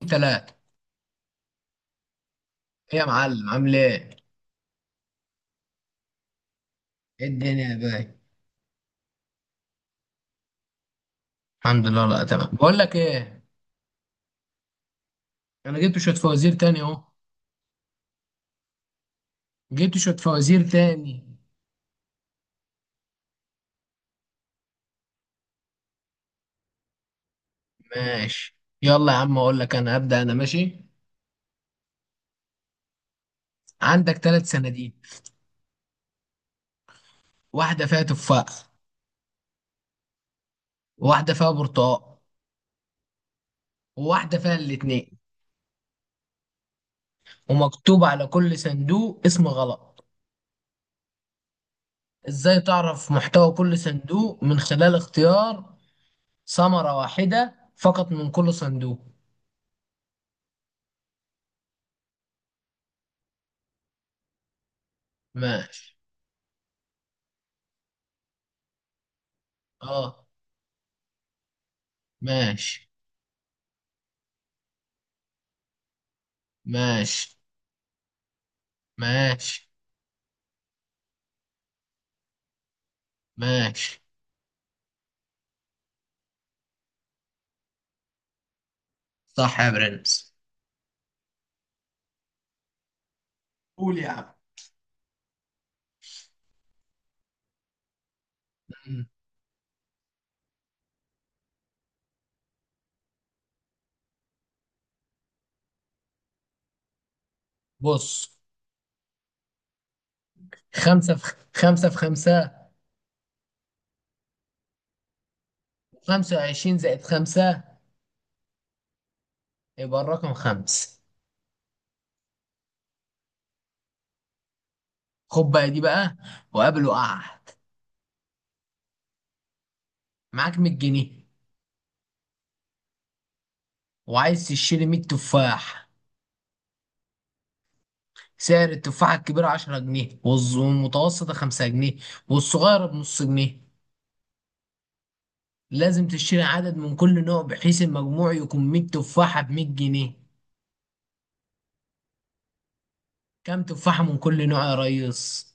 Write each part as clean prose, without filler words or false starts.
تلاتة. ايه يا معلم، عامل ايه؟ ايه الدنيا يا باي؟ الحمد لله. لا تمام. بقول لك ايه؟ انا جبت شوية فوازير تاني اهو. جبت شوية فوازير تاني. ماشي يلا يا عم اقول لك. انا ابدأ انا. ماشي، عندك ثلاث صناديق، واحدة فيها تفاح، وواحدة فيها برتقال، وواحدة فيها الاتنين، ومكتوب على كل صندوق اسم غلط. ازاي تعرف محتوى كل صندوق من خلال اختيار ثمرة واحدة فقط من كل صندوق؟ ماشي. اه. ماشي. ماشي. ماشي. ماشي. صح يا برنس. قول يا عم. مم. بص، خمسة في خمسة في خمسة. خمسة وعشرين زائد خمسة. يبقى الرقم خمس. خد بقى دي بقى، وقابل وقعت معاك مية جنيه، وعايز تشتري مية تفاح. سعر التفاحة الكبيرة عشرة جنيه، والمتوسطة خمسة جنيه، والصغيرة بنص جنيه. لازم تشتري عدد من كل نوع بحيث المجموع يكون مية تفاحة بمية جنيه. كام تفاحة من كل نوع يا ريس؟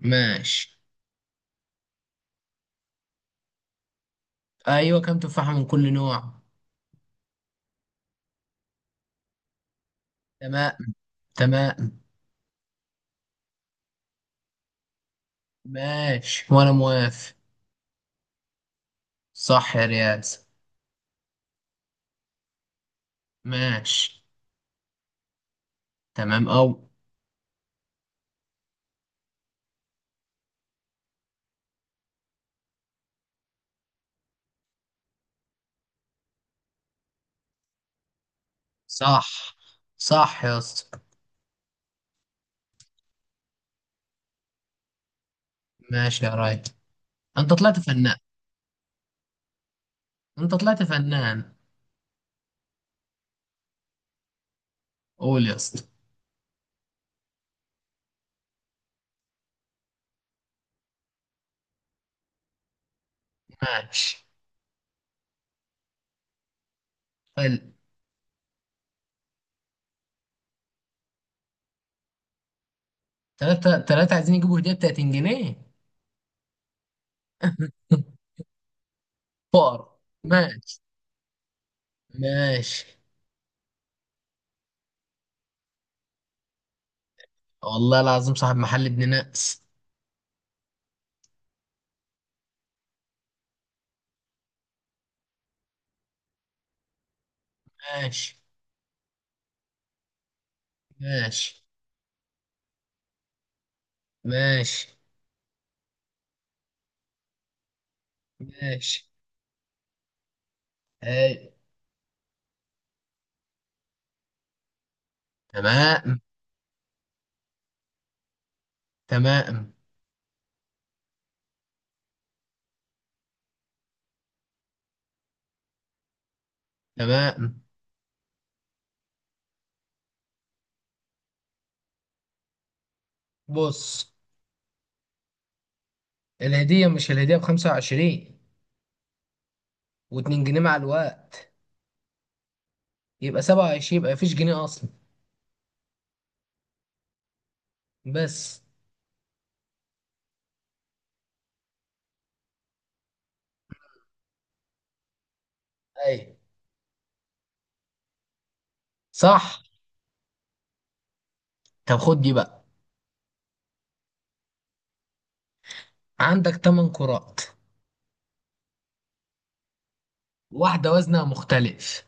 ماشي. ايوه، كام تفاحة من كل نوع؟ تمام. تمام. ماشي وانا موافق. صح يا رياس. ماشي. تمام او. صح. صح يا اسطى. ماشي يا ريس، انت طلعت فنان. انت طلعت فنان. قول يا اسطى. ماشي. حلو. تلاتة تلاتة عايزين يجيبوا هدية ب 30 جنيه. فار. ماشي. ماشي. والله العظيم صاحب محل ابن ناس. ماشي. ماشي. ماشي. ماشي. هاي. تمام. تمام. تمام. بص، الهدية، مش الهدية بخمسة وعشرين واتنين جنيه مع الوقت؟ يبقى سبعة وعشرين، يبقى مفيش جنيه أصلا. بس. أي. صح. طب خد دي بقى. عندك تمن كرات، واحدة وزنها مختلف،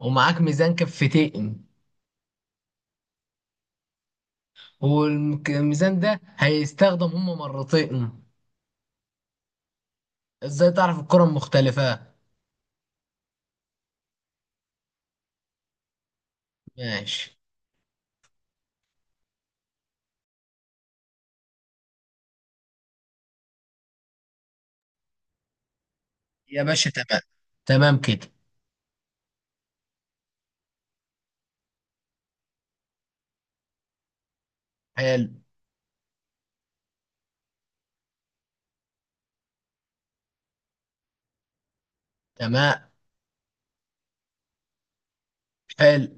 ومعاك ميزان كفتين، والميزان ده هيستخدم هما مرتين. ازاي تعرف الكرة المختلفة؟ ماشي يا باشا. تمام. تمام كده. حلو. تمام. حلو.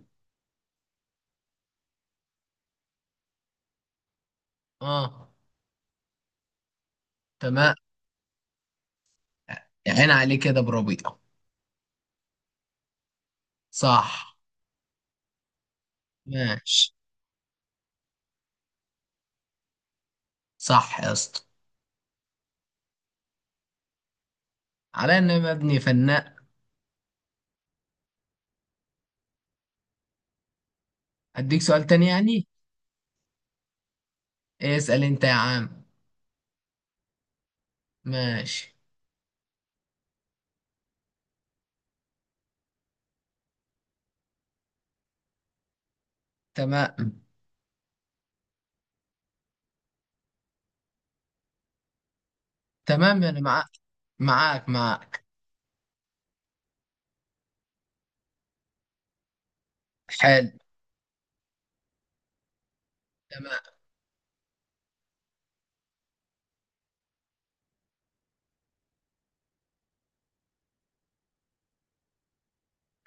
اه. تمام. عين عليه كده بربيع. صح. ماشي. صح يا اسطى، على ان أنا مبني فنان. اديك سؤال تاني يعني؟ اسأل انت يا عم. ماشي. تمام. تمام انا معاك. معاك معاك. حلو. تمام.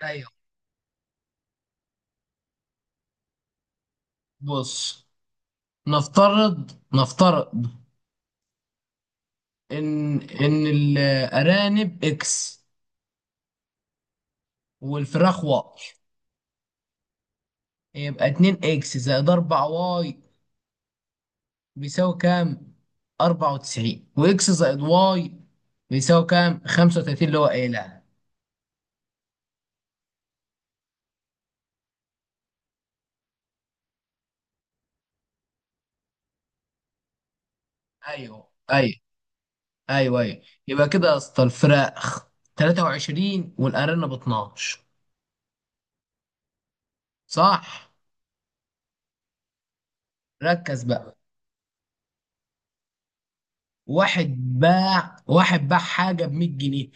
ايوه. بص، نفترض ان الارانب اكس، والفراخ واي. يبقى 2 اكس زائد 4 واي بيساوي كام؟ 94. واكس زائد واي بيساوي كام؟ 35، اللي هو قايلها. ايوه. ايوه. ايوه. ايوه. يبقى كده يا اسطى الفراخ 23 والارانب 12. صح. ركز بقى، واحد باع حاجه ب 100 جنيه،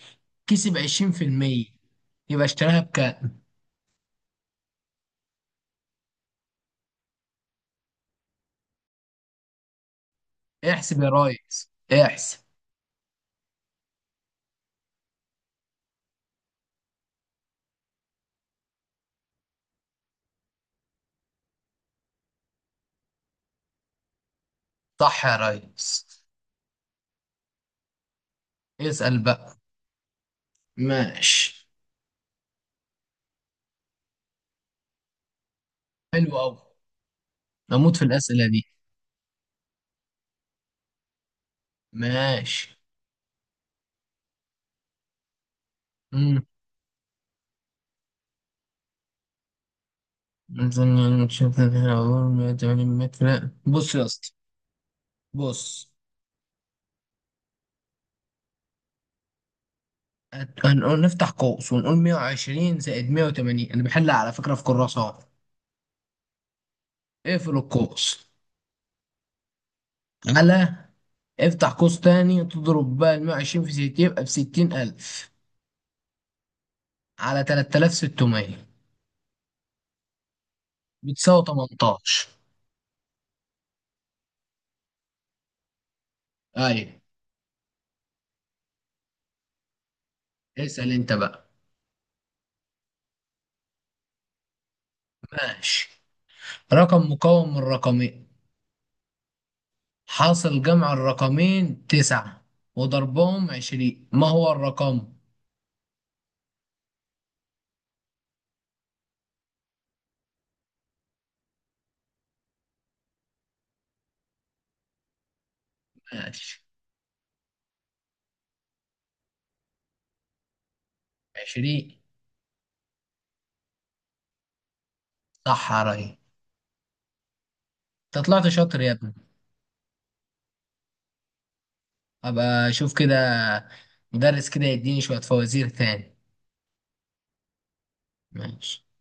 كسب 20%، يبقى اشتراها بكام؟ احسب يا ريس. احسب. صح يا ريس. اسأل بقى. ماشي. حلو قوي، نموت في الأسئلة دي. ماشي. امم، مثلا نشوف هنا، أقول 180 متر. بص يا اسطى، بص، هنقول نفتح قوس ونقول 120 زائد 180، انا بحلها على فكرة في كراسة اهو. اقفل القوس على، افتح قوس تاني، تضرب بقى ال 120 في 60 يبقى ب 60,000 على 3,600، بتساوي 18. ايوه. اسأل انت بقى. ماشي. رقم مكون من رقمين، حاصل جمع الرقمين تسعة، وضربهم عشرين، ما هو الرقم؟ ماشي. عشرين. صح يا ريس، انت طلعت شاطر يا ابني. ابقى اشوف كده مدرس كده يديني شوية فوازير تاني. ماشي